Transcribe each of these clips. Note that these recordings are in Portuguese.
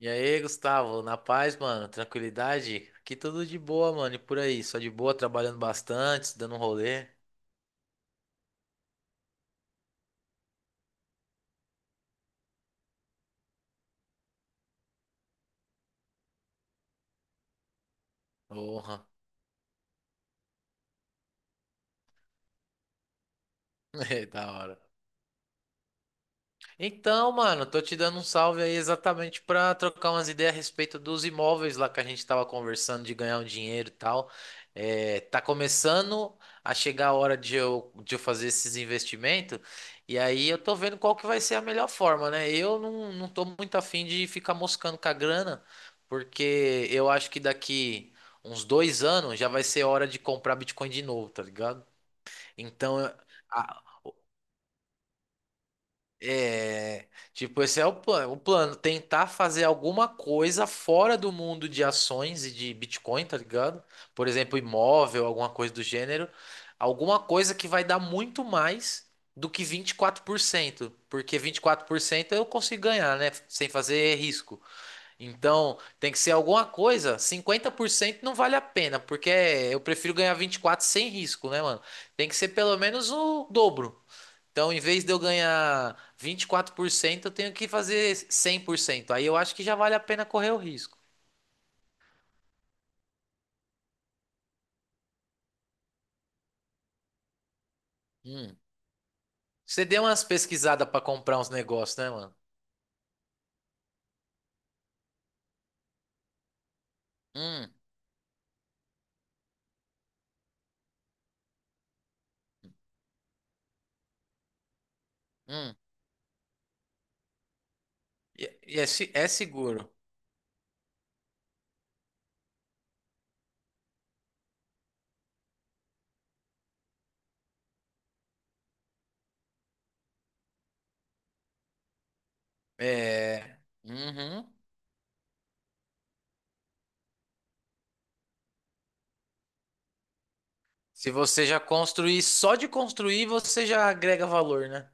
E aí, Gustavo, na paz, mano, tranquilidade? Aqui tudo de boa, mano, e por aí, só de boa, trabalhando bastante, dando um rolê. Porra, é da hora. Então, mano, tô te dando um salve aí exatamente pra trocar umas ideias a respeito dos imóveis lá que a gente tava conversando de ganhar um dinheiro e tal. É, tá começando a chegar a hora de eu fazer esses investimentos e aí eu tô vendo qual que vai ser a melhor forma, né? Eu não tô muito afim de ficar moscando com a grana, porque eu acho que daqui uns dois anos já vai ser hora de comprar Bitcoin de novo, tá ligado? Então, a- é, tipo, esse é o plano. O plano, tentar fazer alguma coisa fora do mundo de ações e de Bitcoin, tá ligado? Por exemplo, imóvel, alguma coisa do gênero. Alguma coisa que vai dar muito mais do que vinte e quatro por cento. Porque 24% eu consigo ganhar, né? Sem fazer risco. Então, tem que ser alguma coisa. Cinquenta por cento não vale a pena, porque eu prefiro ganhar 24 sem risco, né, mano? Tem que ser pelo menos o dobro. Então, em vez de eu ganhar 24%, eu tenho que fazer 100%. Aí eu acho que já vale a pena correr o risco. Hum. Você deu umas pesquisadas para comprar uns negócios, né, mano? Hum, hum. E é, é seguro. É. Uhum. Se você já construir, só de construir você já agrega valor, né?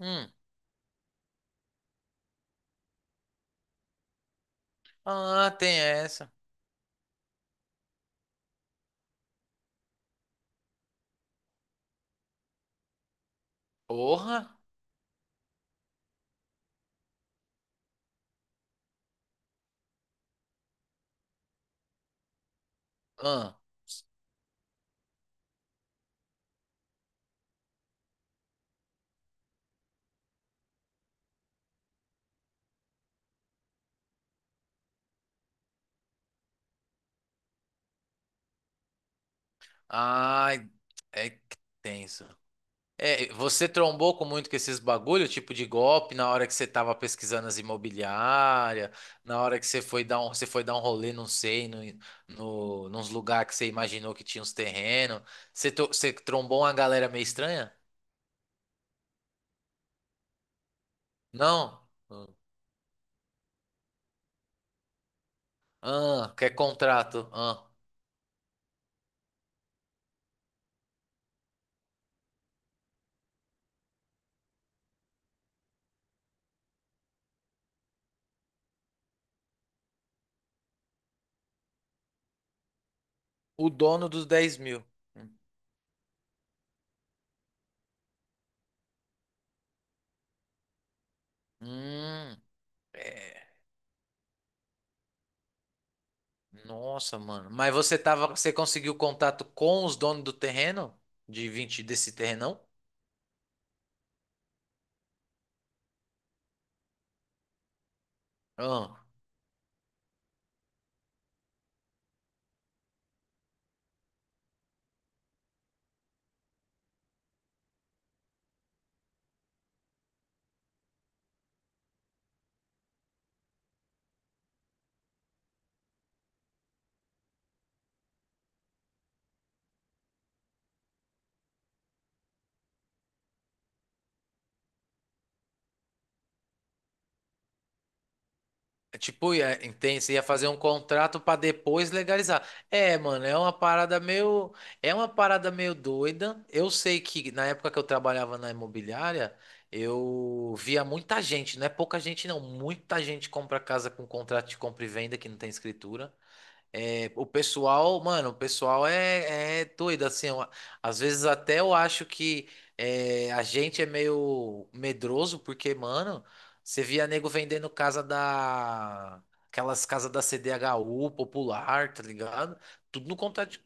Hum. Ah, tem essa. Porra. Ah. Ai, é que tenso. É, você trombou com muito com esses bagulho, tipo de golpe, na hora que você tava pesquisando as imobiliárias, na hora que você foi dar um, você foi dar um rolê, não sei, no, no, nos lugares que você imaginou que tinha uns terrenos. Você, você trombou uma galera meio estranha? Não? Ah, quer contrato? Ah, o dono dos 10 mil. Hum, é, nossa, mano. Mas você tava, você conseguiu contato com os donos do terreno? De 20 desse terrenão? Ah. É. Tipo, ia, entende? Você ia fazer um contrato pra depois legalizar. É, mano, é uma parada meio doida. Eu sei que na época que eu trabalhava na imobiliária, eu via muita gente, não é pouca gente não, muita gente compra casa com contrato de compra e venda que não tem escritura. É, o pessoal, mano, o pessoal é, é doido, assim, às vezes até eu acho que é, a gente é meio medroso, porque, mano, você via nego vendendo casa da... Aquelas casas da CDHU popular, tá ligado? Tudo no contato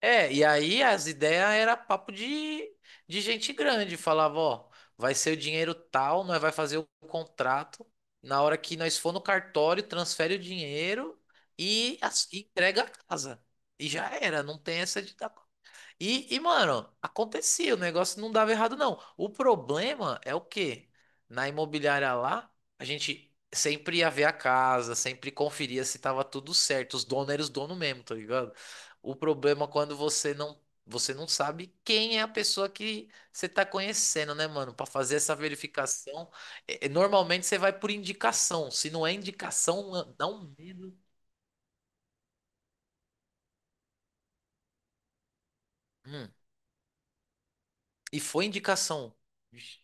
é, e aí as ideias era papo de gente grande. Falava, ó, vai ser o dinheiro tal, nós vai fazer o contrato. Na hora que nós for no cartório, transfere o dinheiro e, e entrega a casa. E já era, não tem essa de dar e, mano, acontecia, o negócio não dava errado, não. O problema é o quê? Na imobiliária lá, a gente sempre ia ver a casa, sempre conferia se tava tudo certo. Os donos eram os donos mesmo, tá ligado? O problema é quando você não sabe quem é a pessoa que você tá conhecendo, né, mano? Pra fazer essa verificação, normalmente você vai por indicação. Se não é indicação, mano, dá um medo. Hum. E foi indicação. Vixe.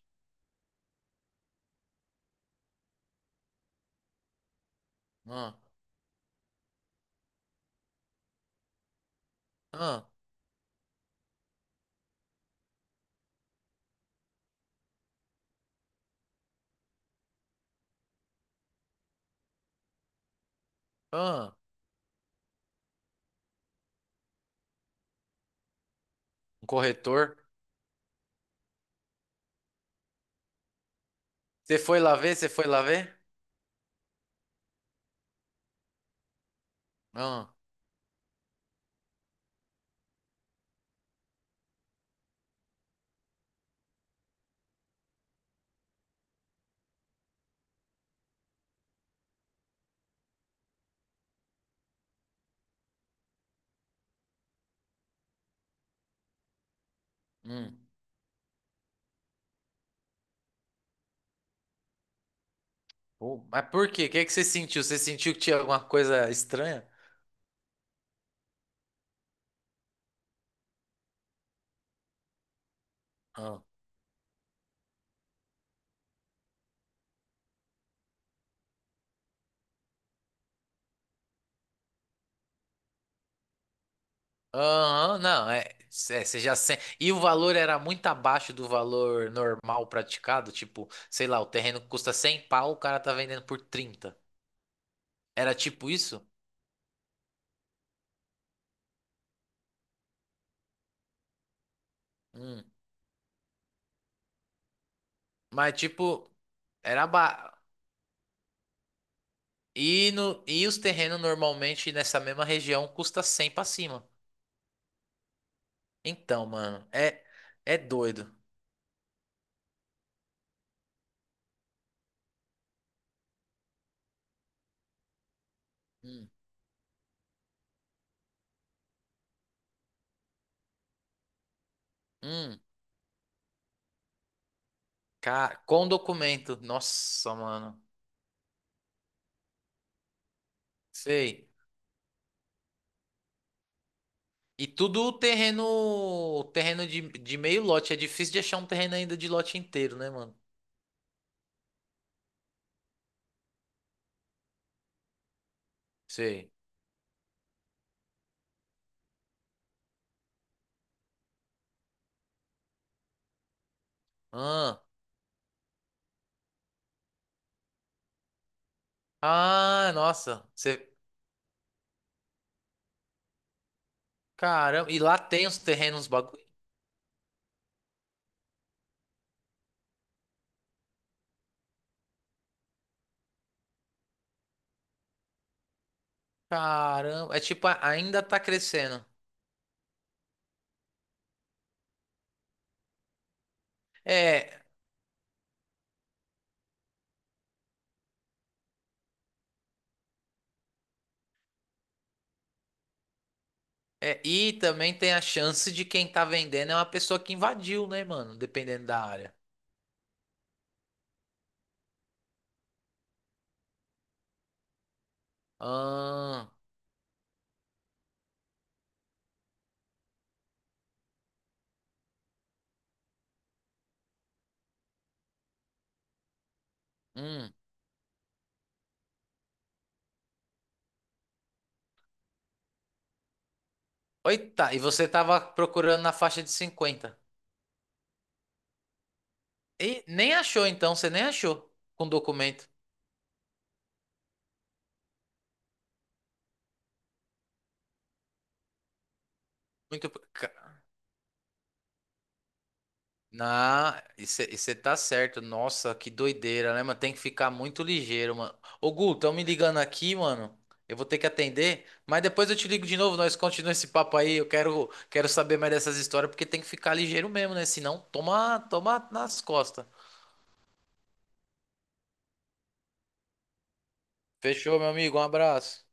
Ah, ah, ah. Um corretor. Você foi lá ver? Você foi lá ver? Não. Hum. Pô, mas por quê? O que é que você sentiu? Você sentiu que tinha alguma coisa estranha? Ah. Aham, não, é, é, você já sente. E o valor era muito abaixo do valor normal praticado? Tipo, sei lá, o terreno custa 100 pau, o cara tá vendendo por trinta. Era tipo isso? Hum. Mas tipo, era ba... E, no, e os terrenos normalmente nessa mesma região custa 100 pra cima. Então, mano, é, é doido. Hum. Hum, com documento. Nossa, mano. Sei. E tudo terreno, de meio lote. É difícil de achar um terreno ainda de lote inteiro, né, mano? Sei. Ah, ah, nossa. Você, caramba. E lá tem os terrenos, bagulho. Caramba. É tipo, ainda tá crescendo. É, é. E também tem a chance de quem tá vendendo é uma pessoa que invadiu, né, mano? Dependendo da área. Ah, hum. Oita, e você tava procurando na faixa de cinquenta. E nem achou, então, você nem achou com documento. Muito. Na, e você tá certo. Nossa, que doideira, né, mano? Tem que ficar muito ligeiro, mano. Ô, Gu, estão me ligando aqui, mano. Eu vou ter que atender, mas depois eu te ligo de novo, nós continuamos esse papo aí. Quero saber mais dessas histórias, porque tem que ficar ligeiro mesmo, né? Senão, toma nas costas. Fechou, meu amigo. Um abraço.